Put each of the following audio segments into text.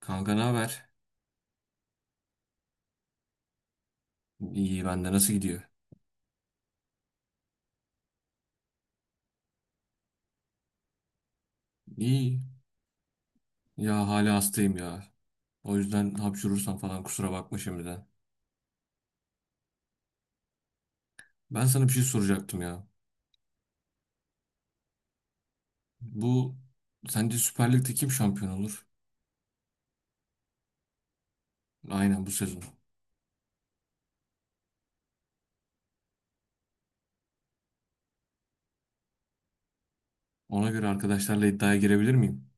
Kanka ne haber? İyi bende nasıl gidiyor? İyi. Ya hala hastayım ya. O yüzden hapşurursam falan kusura bakma şimdiden. Ben sana bir şey soracaktım ya. Bu sence Süper Lig'de kim şampiyon olur? Aynen bu sezon. Ona göre arkadaşlarla iddiaya girebilir miyim?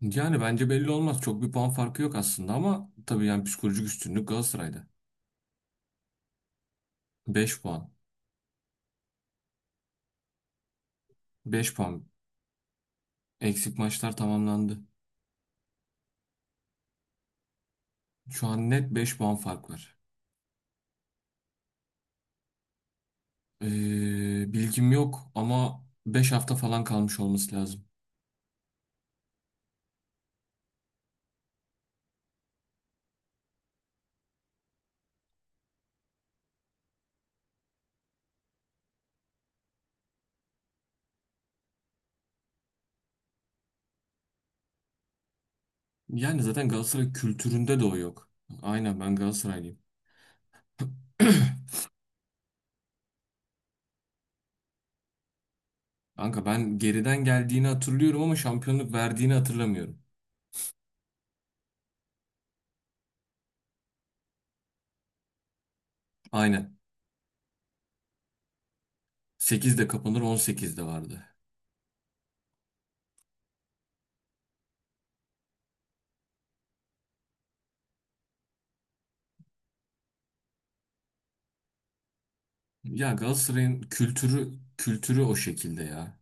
Yani bence belli olmaz. Çok bir puan farkı yok aslında ama tabii yani psikolojik üstünlük Galatasaray'da. 5 puan. 5 puan. Eksik maçlar tamamlandı. Şu an net 5 puan fark var. Bilgim yok ama 5 hafta falan kalmış olması lazım. Yani zaten Galatasaray kültüründe de o yok. Aynen ben Galatasaraylıyım. Kanka ben geriden geldiğini hatırlıyorum ama şampiyonluk verdiğini hatırlamıyorum. Aynen. 8'de kapanır 18'de vardı. Ya Galatasaray'ın kültürü o şekilde ya.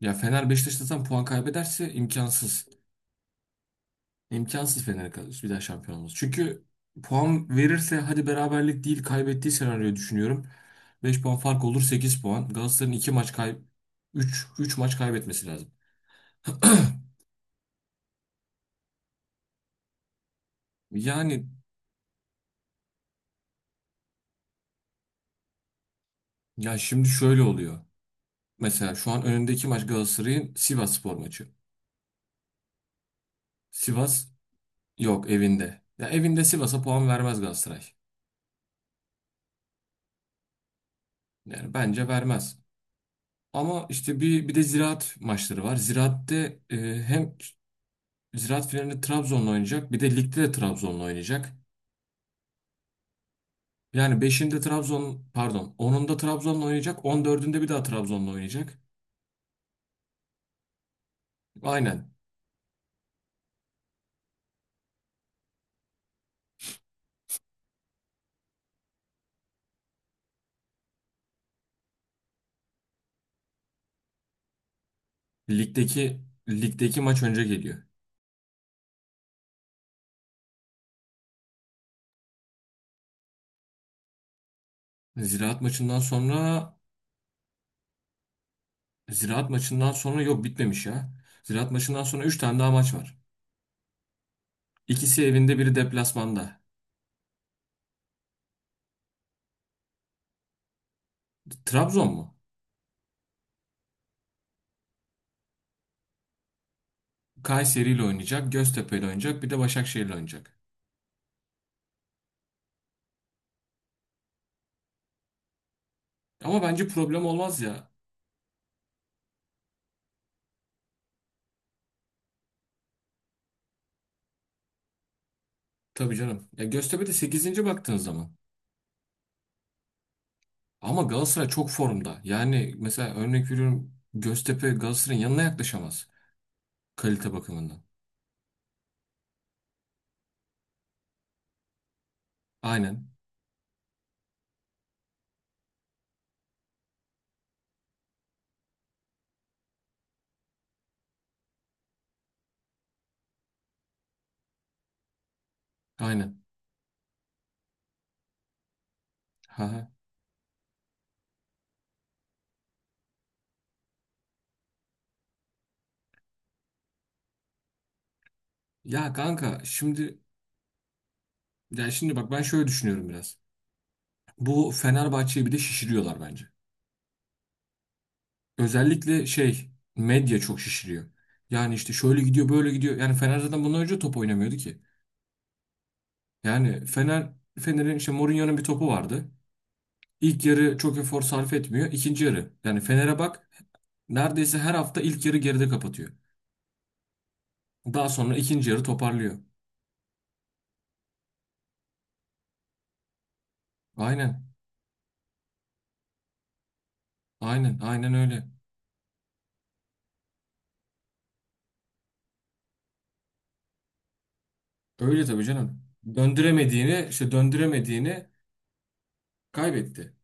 Ya Fener Beşiktaş puan kaybederse imkansız. İmkansız Fener'e kalır bir daha şampiyon olması. Çünkü puan verirse hadi beraberlik değil kaybettiği senaryoyu düşünüyorum. 5 puan fark olur 8 puan. Galatasaray'ın 2 maç kay üç maç kaybetmesi lazım. Yani ya şimdi şöyle oluyor. Mesela şu an önündeki maç Galatasaray'ın Sivasspor maçı. Sivas yok evinde. Ya evinde Sivas'a puan vermez Galatasaray. Yani bence vermez. Ama işte bir de Ziraat maçları var. Ziraat'te hem Ziraat finalinde Trabzon'la oynayacak. Bir de ligde de Trabzon'la oynayacak. Yani 5'inde Trabzon, pardon 10'unda Trabzon'la oynayacak. 14'ünde bir daha Trabzon'la oynayacak. Aynen. Ligdeki ligdeki maç önce geliyor. Ziraat maçından sonra Ziraat maçından sonra yok bitmemiş ya. Ziraat maçından sonra 3 tane daha maç var. İkisi evinde, biri deplasmanda. Trabzon mu? Kayseri ile oynayacak, Göztepe ile oynayacak, bir de Başakşehir ile oynayacak. Ama bence problem olmaz ya. Tabii canım. Ya Göztepe de sekizinci baktığın zaman. Ama Galatasaray çok formda. Yani mesela örnek veriyorum Göztepe Galatasaray'ın yanına yaklaşamaz kalite bakımından. Aynen. Aynen. Ha. Ha. Ya kanka şimdi ya şimdi bak ben şöyle düşünüyorum biraz. Bu Fenerbahçe'yi bir de şişiriyorlar bence. Özellikle medya çok şişiriyor. Yani işte şöyle gidiyor böyle gidiyor. Yani Fener zaten bundan önce top oynamıyordu ki. Yani Fener'in işte Mourinho'nun bir topu vardı. İlk yarı çok efor sarf etmiyor. İkinci yarı yani Fener'e bak neredeyse her hafta ilk yarı geride kapatıyor. Daha sonra ikinci yarı toparlıyor. Aynen. Aynen Aynen öyle. Öyle tabii canım. Döndüremediğini kaybetti.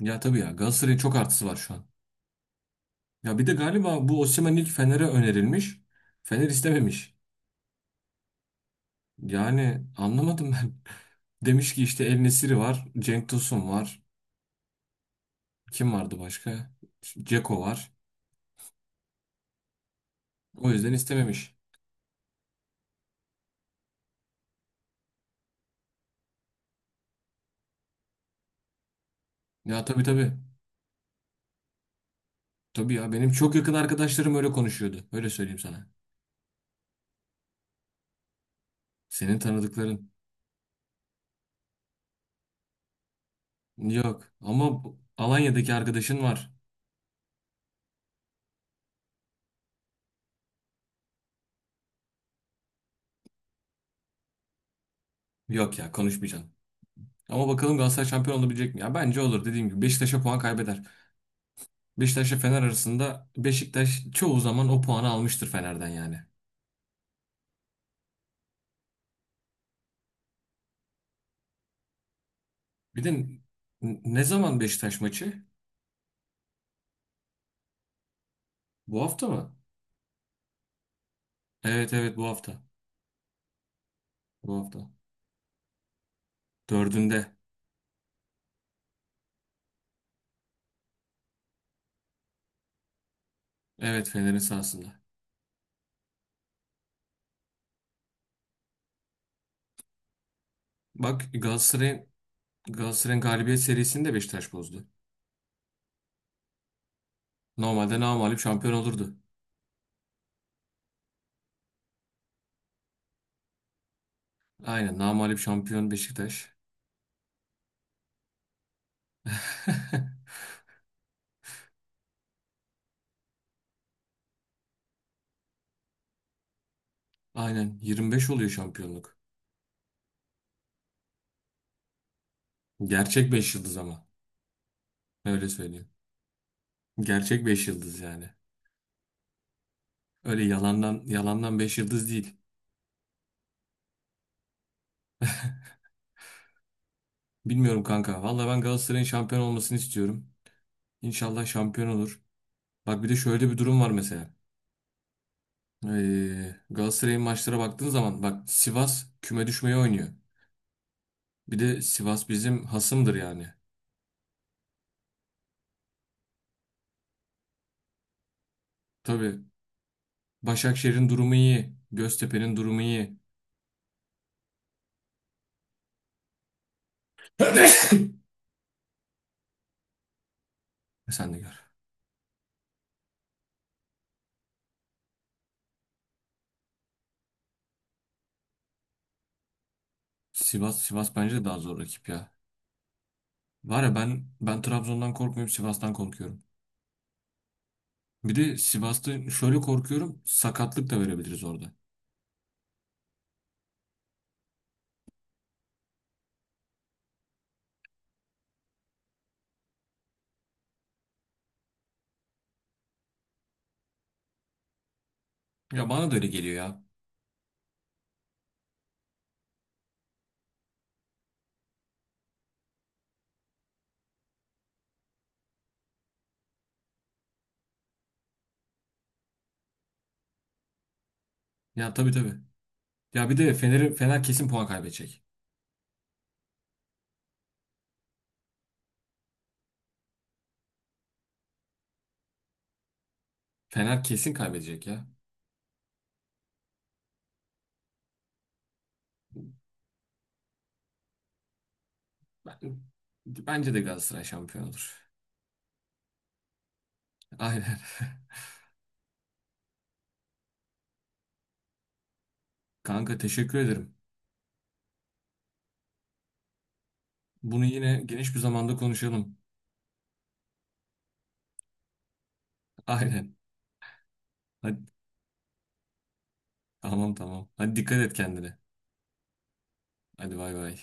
Ya tabii ya Galatasaray'ın çok artısı var şu an. Ya bir de galiba bu Osimhen ilk Fener'e önerilmiş. Fener istememiş. Yani anlamadım ben. Demiş ki işte El Nesiri var. Cenk Tosun var. Kim vardı başka? Ceko var. O yüzden istememiş. Ya tabii tabii. Tabii ya benim çok yakın arkadaşlarım öyle konuşuyordu. Öyle söyleyeyim sana. Senin tanıdıkların. Yok. Ama Alanya'daki arkadaşın var. Yok ya konuşmayacaksın. Ama bakalım Galatasaray şampiyon olabilecek mi? Ya bence olur dediğim gibi. Beşiktaş'a puan kaybeder. Beşiktaş'la Fener arasında Beşiktaş çoğu zaman o puanı almıştır Fener'den yani. Bir de ne zaman Beşiktaş maçı? Bu hafta mı? Evet evet bu hafta. Bu hafta. 4'ünde. Evet Fener'in sahasında. Bak Galatasaray'ın galibiyet serisini de Beşiktaş bozdu. Normalde namağlup şampiyon olurdu. Aynen namağlup şampiyon Beşiktaş. Aynen 25 oluyor şampiyonluk. Gerçek 5 yıldız ama. Öyle söyleyeyim. Gerçek 5 yıldız yani. Öyle yalandan yalandan beş yıldız değil. Bilmiyorum kanka. Vallahi ben Galatasaray'ın şampiyon olmasını istiyorum. İnşallah şampiyon olur. Bak bir de şöyle bir durum var mesela. Galatasaray'ın maçlara baktığın zaman bak Sivas küme düşmeye oynuyor. Bir de Sivas bizim hasımdır yani. Tabii Başakşehir'in durumu iyi. Göztepe'nin durumu iyi. E Sen de gör. Sivas bence de daha zor rakip ya. Var ya ben Trabzon'dan korkmuyorum, Sivas'tan korkuyorum. Bir de Sivas'ta şöyle korkuyorum, sakatlık da verebiliriz orada. Ya bana da öyle geliyor ya. Ya tabii tabii. Ya bir de Fener kesin puan kaybedecek. Fener kesin kaybedecek ya. Ben, bence de Galatasaray şampiyon olur. Aynen. Kanka teşekkür ederim. Bunu yine geniş bir zamanda konuşalım. Aynen. Hadi. Tamam tamam. Hadi dikkat et kendine. Hadi bay bay.